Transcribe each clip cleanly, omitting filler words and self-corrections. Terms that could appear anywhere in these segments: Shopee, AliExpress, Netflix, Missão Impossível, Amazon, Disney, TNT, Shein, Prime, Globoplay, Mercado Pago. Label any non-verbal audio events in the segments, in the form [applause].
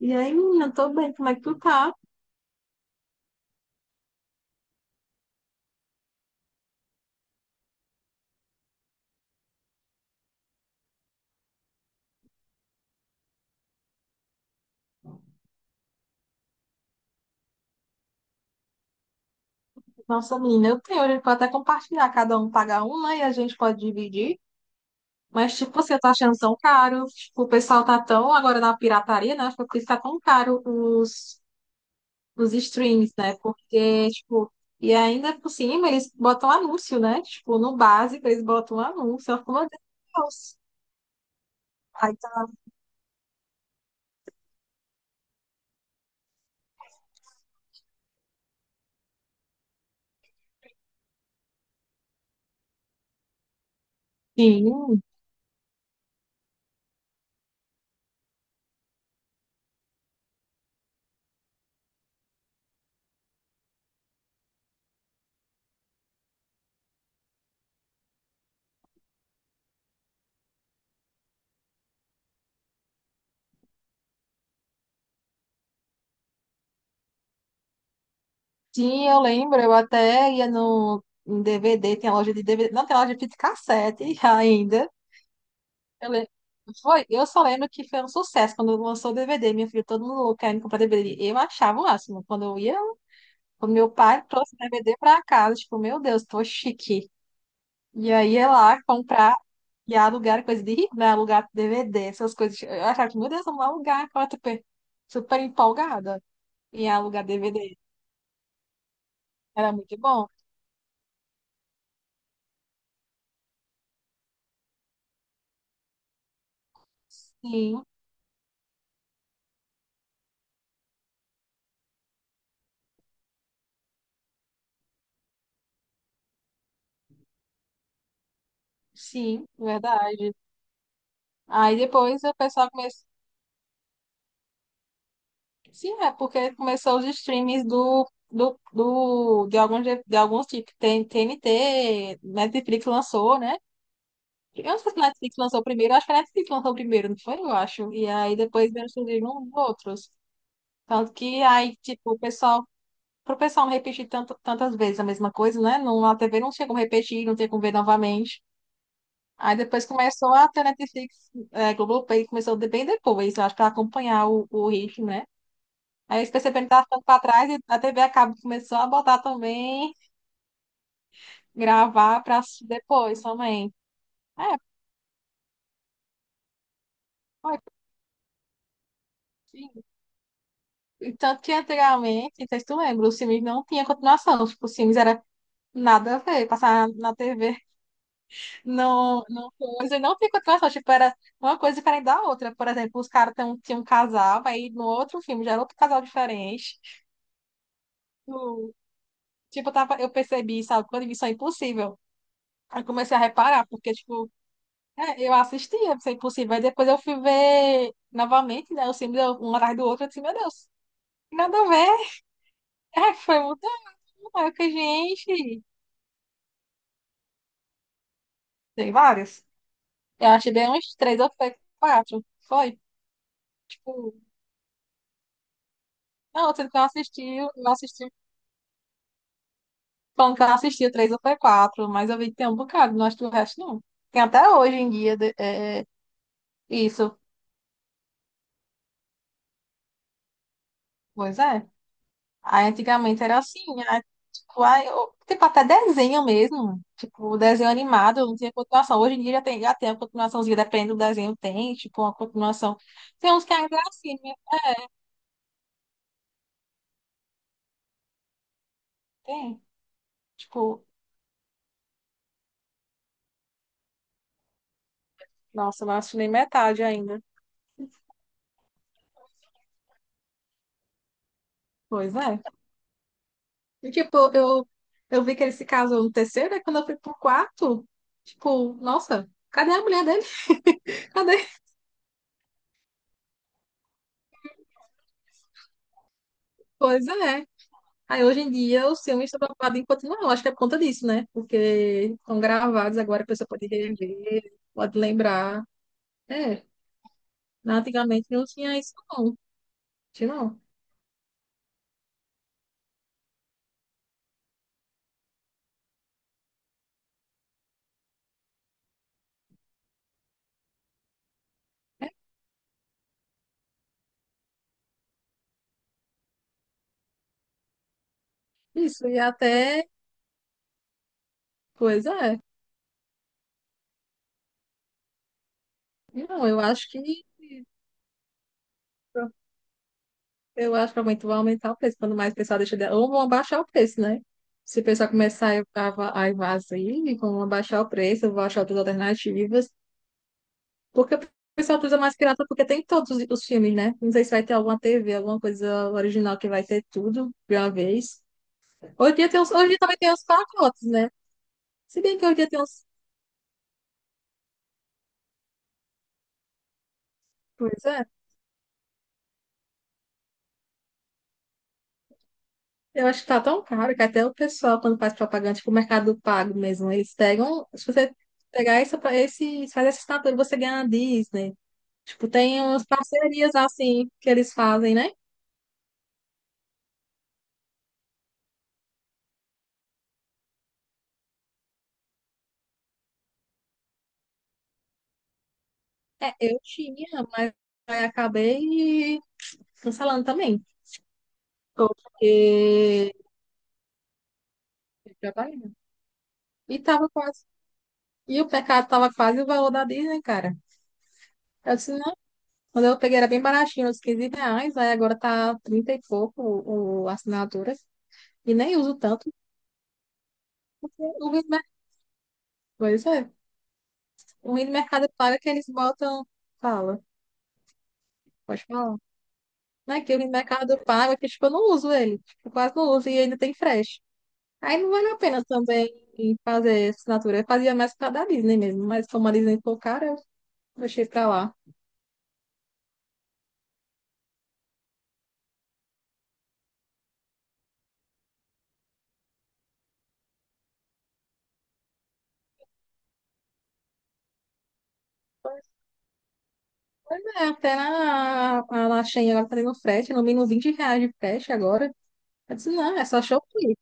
E aí, menina, eu tô bem, como é que tu tá? Nossa, menina, eu tenho, a gente pode até compartilhar, cada um paga um, né, e a gente pode dividir. Mas, tipo, você tá achando tão caro, tipo, o pessoal tá tão agora na pirataria, né, acho que por isso tá tão caro os streams, né, porque, tipo, e ainda por cima eles botam anúncio, né, tipo, no básico eles botam anúncio, eu fico, meu Deus. Aí tá. Sim, sim, eu lembro. Eu até ia no em DVD, tem a loja de DVD, não tem loja de fita cassete [laughs] ainda. Eu lembro. Foi, eu só lembro que foi um sucesso quando lançou o DVD. Minha filha, todo mundo louco querendo comprar DVD. Eu achava o máximo. Quando meu pai trouxe o DVD pra casa, tipo, meu Deus, tô chique. E aí ia lá comprar e alugar coisa de rico, né? Alugar DVD, essas coisas. Eu achava que, meu Deus, vamos alugar. Eu tava super, super empolgada em alugar DVD. Era muito bom. Sim, sim, verdade. Aí depois o pessoal começou. Sim, é porque começou os streams de alguns tipos. Tem TNT, Netflix lançou, né? Eu não sei se Netflix lançou primeiro, acho que a Netflix lançou primeiro, não foi? Eu acho. E aí depois vieram surgindo uns outros. Tanto que aí, tipo, o pessoal, pro pessoal não repetir tanto, tantas vezes a mesma coisa, né? Não, a TV não tinha como repetir, não tinha como ver novamente. Aí depois começou a ter Netflix, é, Globoplay começou bem depois, eu acho, pra acompanhar o ritmo, né? Aí eles perceberam que estava ficando para trás e a TV a cabo começou a botar também, gravar para depois também. É, foi. Sim. E tanto que anteriormente, não sei se tu lembra, os filmes não tinha continuação. Tipo, os filmes era nada a ver, passar na TV não, não coisa, não tinha continuação. Tipo, era uma coisa diferente da outra. Por exemplo, os caras tinham um casal, aí no outro filme já era outro casal diferente. Tipo, eu percebi, sabe, quando vi Missão Impossível. Aí comecei a reparar, porque, tipo, é, eu assistia, se possível. Aí depois eu fui ver novamente, né? Os filmes um atrás do outro. Eu disse, meu Deus, nada a ver. [laughs] Aí foi mudando. Aí eu fiquei, gente. Tem várias. Eu achei bem uns três ou foi quatro. Foi. Tipo, não, sendo que eu assisti, eu não assisti. Falando que eu não assisti o três ou foi quatro, mas eu vi que tem um bocado, não acho que o resto não. Tem até hoje em dia é, isso. Pois é. Aí antigamente era assim, aí, tipo, aí, tipo, até desenho mesmo, tipo, desenho animado, não tinha continuação. Hoje em dia já tem a continuaçãozinha, dependendo do desenho, tem, tipo, uma continuação. Tem uns que ainda é assim, né? Tem. Tipo, nossa, eu não assinei metade ainda. Pois é. E, tipo, eu vi que ele se casou no terceiro, aí quando eu fui pro quarto, tipo, nossa, cadê a mulher dele? [laughs] Cadê? Pois é. Aí hoje em dia os filmes estão preocupados em continuar, eu acho que é por conta disso, né? Porque estão gravados, agora a pessoa pode rever, pode lembrar. É, antigamente não tinha isso não, tinha não. Isso, e até, pois é, não, eu acho que vai aumentar o preço, quando mais o pessoal deixa de... Ou vão abaixar o preço, né? Se o pessoal começar a invadir, vão abaixar o preço, vão achar outras alternativas. Porque o pessoal utiliza mais pirata porque tem todos os filmes, né? Não sei se vai ter alguma TV, alguma coisa original que vai ter tudo de uma vez. Hoje em dia tem uns, hoje em dia também tem uns pacotes, né? Se bem que hoje em dia tem uns. Pois é. Eu acho que tá tão caro que até o pessoal, quando faz propaganda, tipo o Mercado Pago mesmo, eles pegam. Se você pegar faz essa assinatura, você ganha a Disney. Tipo, tem umas parcerias assim que eles fazem, né? É, eu tinha, mas aí acabei cancelando também. Porque fui trabalhar. E tava quase. E o pecado tava quase o valor da Disney, cara. Eu disse, não. Quando eu peguei era bem baratinho, uns R$ 15, aí agora tá 30 e pouco o assinatura. E nem uso tanto, porque o ruim do mer- Pois é. O ruim do Mercado Pago é que eles botam. Fala, pode falar. Não é que o ruim do Mercado Pago é que, tipo, eu não uso ele. Tipo, quase não uso e ainda tem frete. Aí não vale a pena também fazer assinatura. Eu fazia mais pra da Disney mesmo, mas como a Disney ficou cara, eu deixei pra lá. Pois é, a laxinha ela tá tendo frete, no mínimo R$ 20 de frete agora. Eu disse, não, é só Shopee.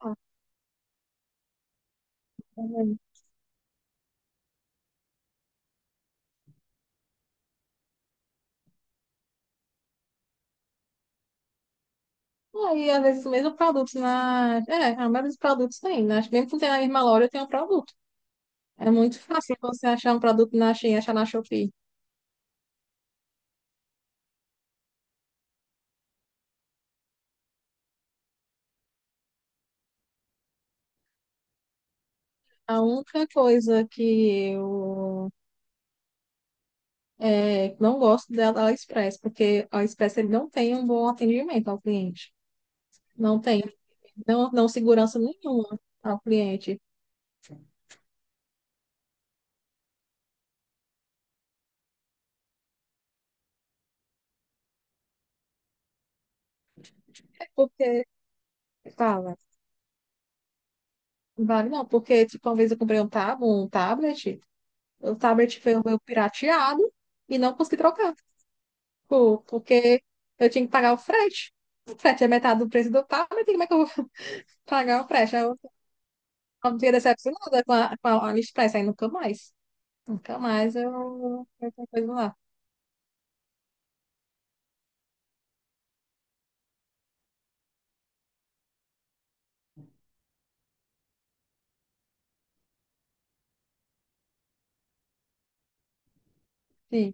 Ah, tá vendo? Aí, às vezes, o mesmo produto na... É, a maioria dos produtos tem. Né? Mesmo que não tenha na mesma loja, tem um produto. É muito fácil você achar um produto na Shein, achar na Shopee. A única coisa que eu é, não gosto da AliExpress, porque a AliExpress ele não tem um bom atendimento ao cliente. Não tem. Não, não segurança nenhuma ao cliente. É porque... Fala. Vale não, porque tipo, uma vez eu comprei um, tab um tablet, o tablet foi o meu pirateado e não consegui trocar, tipo, porque eu tinha que pagar o frete. O frete é metade do preço do tablet, como é que eu vou [laughs] pagar o frete? Aí eu fiquei decepcionada com a AliExpress, aí nunca mais. Nunca mais eu coisa lá. Sim,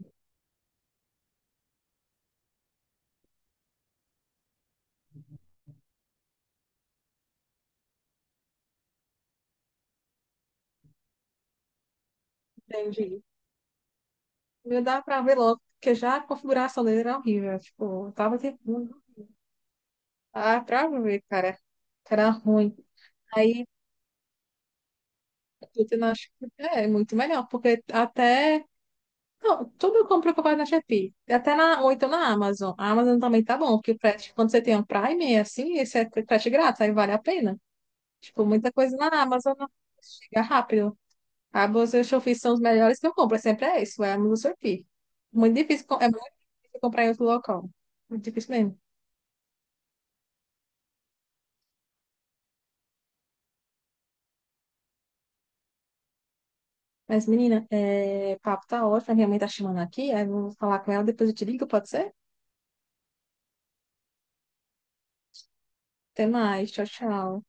entendi. Não dá pra ver logo, porque já a configuração dele era horrível. Tipo, o tablet é ruim. Ah, pra ver, cara. Era ruim. Aí eu acho que é muito melhor, porque até. Não, tudo eu compro pacote na Shopee. Ou então na Amazon. A Amazon também tá bom, porque o frete, quando você tem um Prime, é assim, esse é frete grátis, aí vale a pena. Tipo, muita coisa na Amazon não chega rápido. A Amazon e o Shopee são os melhores que eu compro, sempre é isso, é a Amazon e o Shopee. Muito difícil, é muito difícil comprar em outro local. Muito difícil mesmo. Mas, menina, é, o papo tá ótimo, a minha mãe tá chamando aqui, aí eu vou falar com ela, depois eu te ligo, pode ser? Até mais, tchau, tchau.